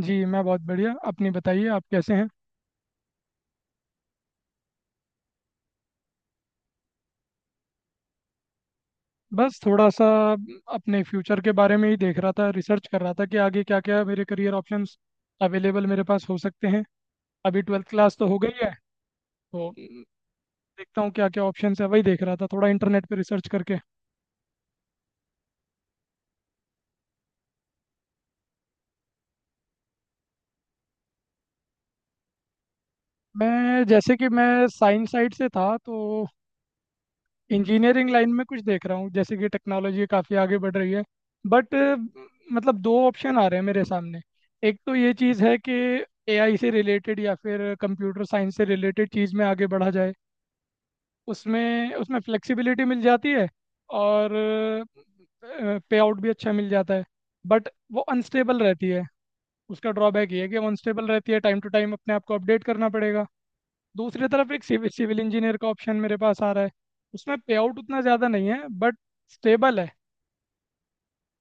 जी, मैं बहुत बढ़िया। अपनी बताइए, आप कैसे हैं। बस थोड़ा सा अपने फ्यूचर के बारे में ही देख रहा था, रिसर्च कर रहा था कि आगे क्या क्या मेरे करियर ऑप्शंस अवेलेबल मेरे पास हो सकते हैं। अभी ट्वेल्थ क्लास तो हो गई है, तो देखता हूँ क्या क्या ऑप्शंस है। वही देख रहा था, थोड़ा इंटरनेट पे रिसर्च करके। मैं जैसे कि मैं साइंस साइड से था, तो इंजीनियरिंग लाइन में कुछ देख रहा हूँ। जैसे कि टेक्नोलॉजी काफ़ी आगे बढ़ रही है, बट मतलब दो ऑप्शन आ रहे हैं मेरे सामने। एक तो ये चीज़ है कि एआई से रिलेटेड या फिर कंप्यूटर साइंस से रिलेटेड चीज़ में आगे बढ़ा जाए। उसमें उसमें फ्लेक्सिबिलिटी मिल जाती है, और पे आउट भी अच्छा मिल जाता है। बट वो अनस्टेबल रहती है। उसका ड्रॉबैक ये है कि वो अनस्टेबल रहती है, टाइम टू टाइम अपने आप को अपडेट करना पड़ेगा। दूसरी तरफ एक सिविल सिविल इंजीनियर का ऑप्शन मेरे पास आ रहा है। उसमें पे आउट उतना ज़्यादा नहीं है, बट स्टेबल है।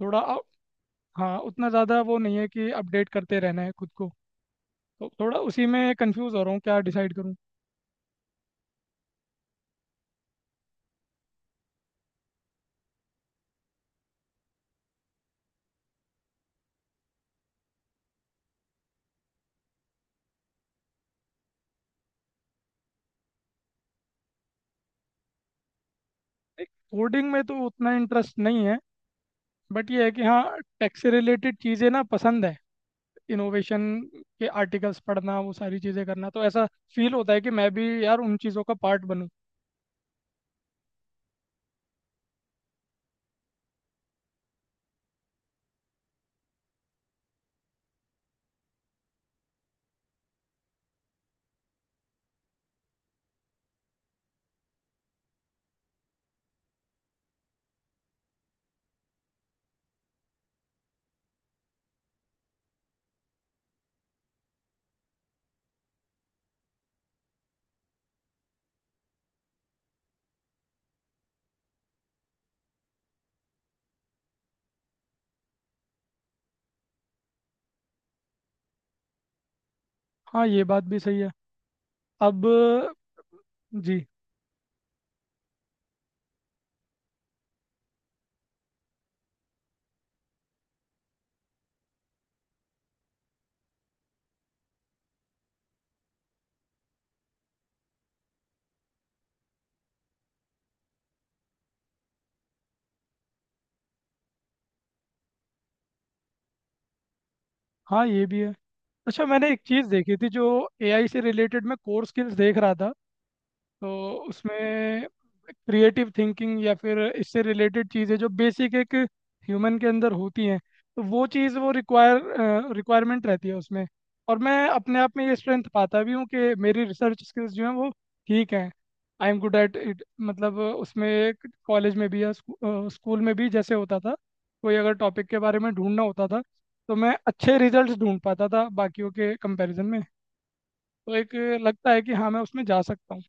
थोड़ा अ- हाँ, उतना ज़्यादा वो नहीं है कि अपडेट करते रहना है खुद को। तो थोड़ा उसी में कंफ्यूज हो रहा हूँ क्या डिसाइड करूँ। कोडिंग में तो उतना इंटरेस्ट नहीं है, बट ये है कि हाँ, टेक से रिलेटेड चीज़ें ना पसंद है। इनोवेशन के आर्टिकल्स पढ़ना, वो सारी चीज़ें करना, तो ऐसा फील होता है कि मैं भी यार उन चीज़ों का पार्ट बनूँ। हाँ, ये बात भी सही है। अब जी, हाँ, ये भी है। अच्छा, मैंने एक चीज़ देखी थी जो एआई से रिलेटेड। मैं कोर स्किल्स देख रहा था, तो उसमें क्रिएटिव थिंकिंग या फिर इससे रिलेटेड चीज़ें जो बेसिक एक ह्यूमन के अंदर होती हैं, तो वो चीज़ वो रिक्वायरमेंट रहती है उसमें। और मैं अपने आप में ये स्ट्रेंथ पाता भी हूँ कि मेरी रिसर्च स्किल्स जो हैं वो ठीक हैं। I am good at it. मतलब उसमें कॉलेज में भी या स्कूल में भी जैसे होता था, कोई अगर टॉपिक के बारे में ढूंढना होता था, तो मैं अच्छे रिजल्ट्स ढूंढ पाता था बाकियों के कंपैरिजन में। तो एक लगता है कि हाँ, मैं उसमें जा सकता हूँ।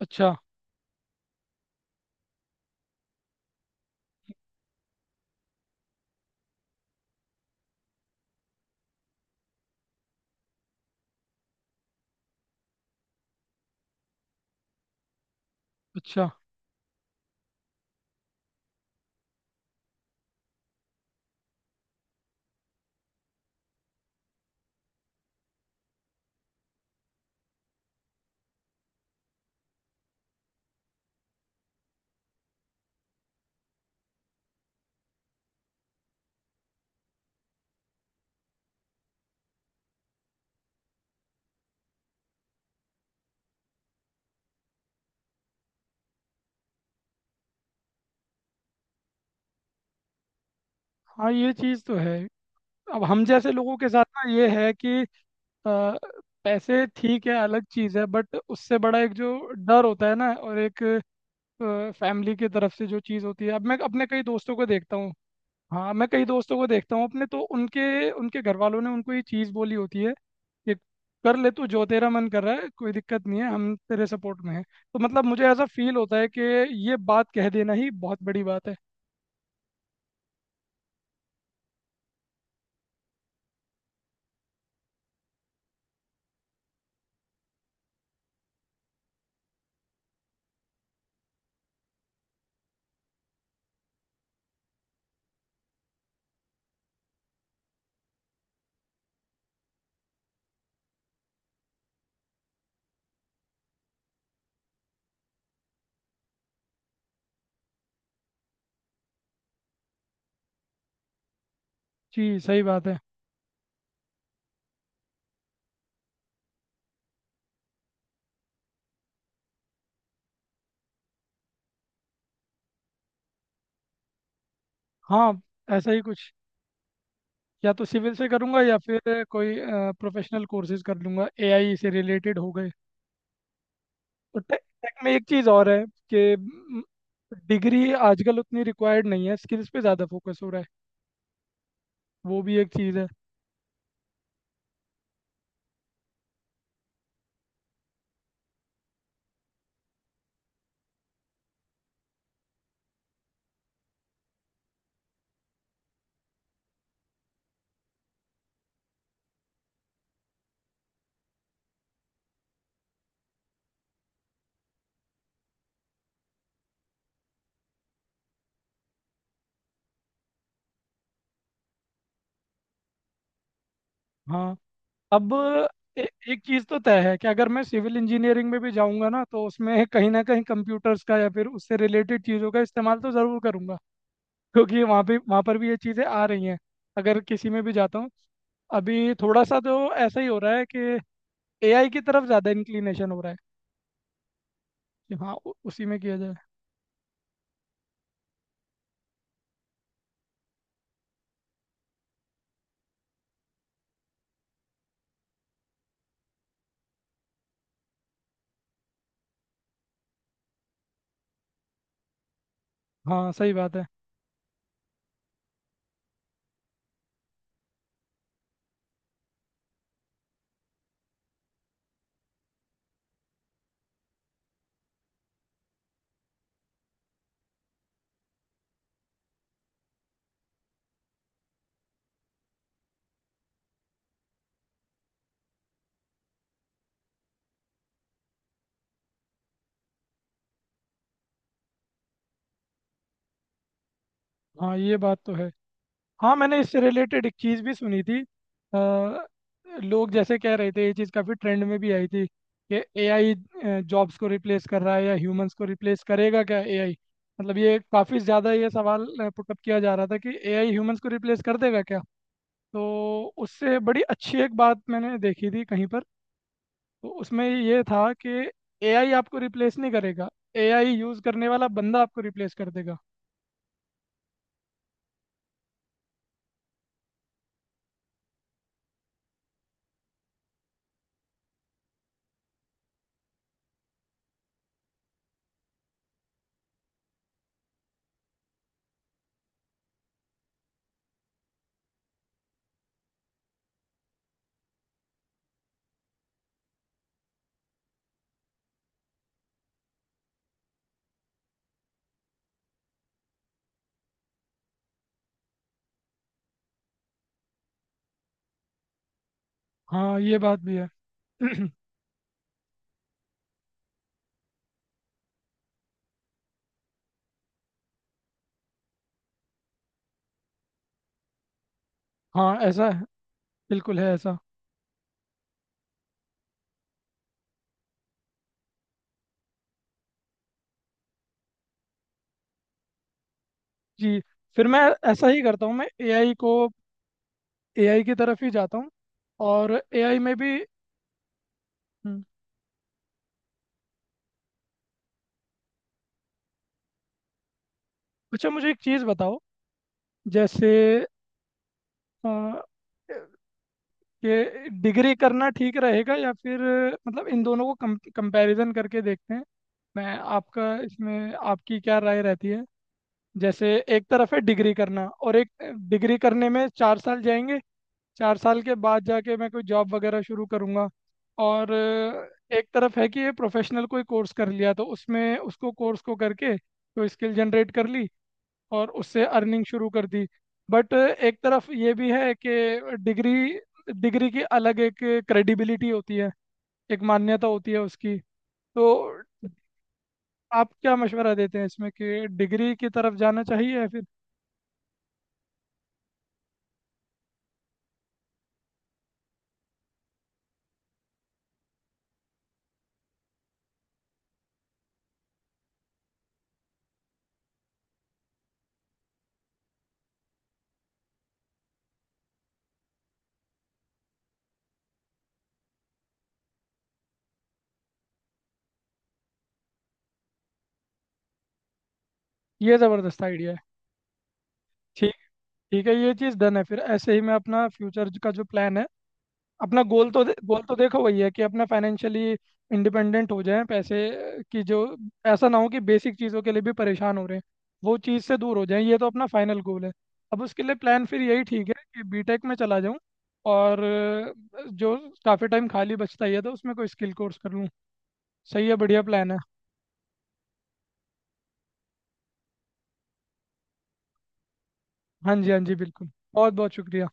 अच्छा अच्छा। हाँ, ये चीज़ तो है। अब हम जैसे लोगों के साथ ना ये है कि अ, पैसे ठीक है, अलग चीज़ है, बट उससे बड़ा एक जो डर होता है ना, और एक फैमिली की तरफ से जो चीज़ होती है। अब मैं अपने कई दोस्तों को देखता हूँ। हाँ, मैं कई दोस्तों को देखता हूँ अपने, तो उनके उनके घर वालों ने उनको ये चीज़ बोली होती है कि कर ले तू जो तेरा मन कर रहा है, कोई दिक्कत नहीं है, हम तेरे सपोर्ट में हैं। तो मतलब मुझे ऐसा फील होता है कि ये बात कह देना ही बहुत बड़ी बात है। जी, सही बात है। हाँ, ऐसा ही कुछ। या तो सिविल से करूंगा या फिर कोई प्रोफेशनल कोर्सेज कर लूंगा एआई से रिलेटेड हो गए। और टेक टेक में एक चीज़ और है कि डिग्री आजकल उतनी रिक्वायर्ड नहीं है, स्किल्स पे ज़्यादा फोकस हो रहा है। वो भी एक चीज़ है। हाँ। अब ए, एक चीज़ तो तय है कि अगर मैं सिविल इंजीनियरिंग में भी जाऊंगा ना, तो उसमें कहीं ना कहीं कंप्यूटर्स का या फिर उससे रिलेटेड चीज़ों का इस्तेमाल तो ज़रूर करूंगा, क्योंकि वहाँ पर भी ये चीज़ें आ रही हैं, अगर किसी में भी जाता हूँ। अभी थोड़ा सा तो ऐसा ही हो रहा है कि एआई की तरफ ज़्यादा इंक्लिनेशन हो रहा है कि उसी में किया जाए। हाँ, सही बात है। हाँ, ये बात तो है। हाँ, मैंने इससे रिलेटेड एक चीज़ भी सुनी थी। अ, लोग जैसे कह रहे थे, ये चीज़ काफ़ी ट्रेंड में भी आई थी कि एआई जॉब्स को रिप्लेस कर रहा है, या ह्यूमंस को रिप्लेस करेगा क्या एआई। मतलब ये काफ़ी ज़्यादा ये सवाल पुटअप किया जा रहा था कि एआई ह्यूमंस को रिप्लेस कर देगा क्या। तो उससे बड़ी अच्छी एक बात मैंने देखी थी कहीं पर, तो उसमें ये था कि एआई आपको रिप्लेस नहीं करेगा, एआई यूज़ करने वाला बंदा आपको रिप्लेस कर देगा। हाँ, ये बात भी है। हाँ, ऐसा है, बिल्कुल है ऐसा। जी, फिर मैं ऐसा ही करता हूँ, मैं एआई को, एआई की तरफ ही जाता हूँ। और एआई में भी हम्म। अच्छा, मुझे एक चीज़ बताओ। जैसे अ, कि डिग्री करना ठीक रहेगा या फिर, मतलब इन दोनों को कम कंपैरिजन करके देखते हैं। मैं आपका इसमें, आपकी क्या राय रहती है। जैसे एक तरफ है डिग्री करना, और एक डिग्री करने में 4 साल जाएंगे, 4 साल के बाद जाके मैं कोई जॉब वगैरह शुरू करूँगा। और एक तरफ है कि ये प्रोफेशनल कोई कोर्स कर लिया, तो उसमें उसको कोर्स को करके कोई स्किल जनरेट कर ली और उससे अर्निंग शुरू कर दी। बट एक तरफ ये भी है कि डिग्री डिग्री की अलग एक क्रेडिबिलिटी होती है, एक मान्यता होती है उसकी। तो आप क्या मशवरा देते हैं इसमें कि डिग्री की तरफ जाना चाहिए या फिर। ये ज़बरदस्त आइडिया है। ठीक, ठीक है, ये चीज़ डन है। फिर ऐसे ही मैं अपना फ्यूचर का जो प्लान है, अपना गोल तो गोल तो देखो वही है कि अपना फाइनेंशियली इंडिपेंडेंट हो जाएं। पैसे की जो, ऐसा ना हो कि बेसिक चीज़ों के लिए भी परेशान हो रहे हैं, वो चीज़ से दूर हो जाएं। ये तो अपना फाइनल गोल है। अब उसके लिए प्लान फिर यही ठीक है कि बीटेक में चला जाऊं, और जो काफ़ी टाइम खाली बचता ही है, तो उसमें कोई स्किल कोर्स कर लूँ। सही है, बढ़िया प्लान है। हाँ जी, हाँ जी, बिल्कुल। बहुत बहुत शुक्रिया।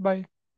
बाय।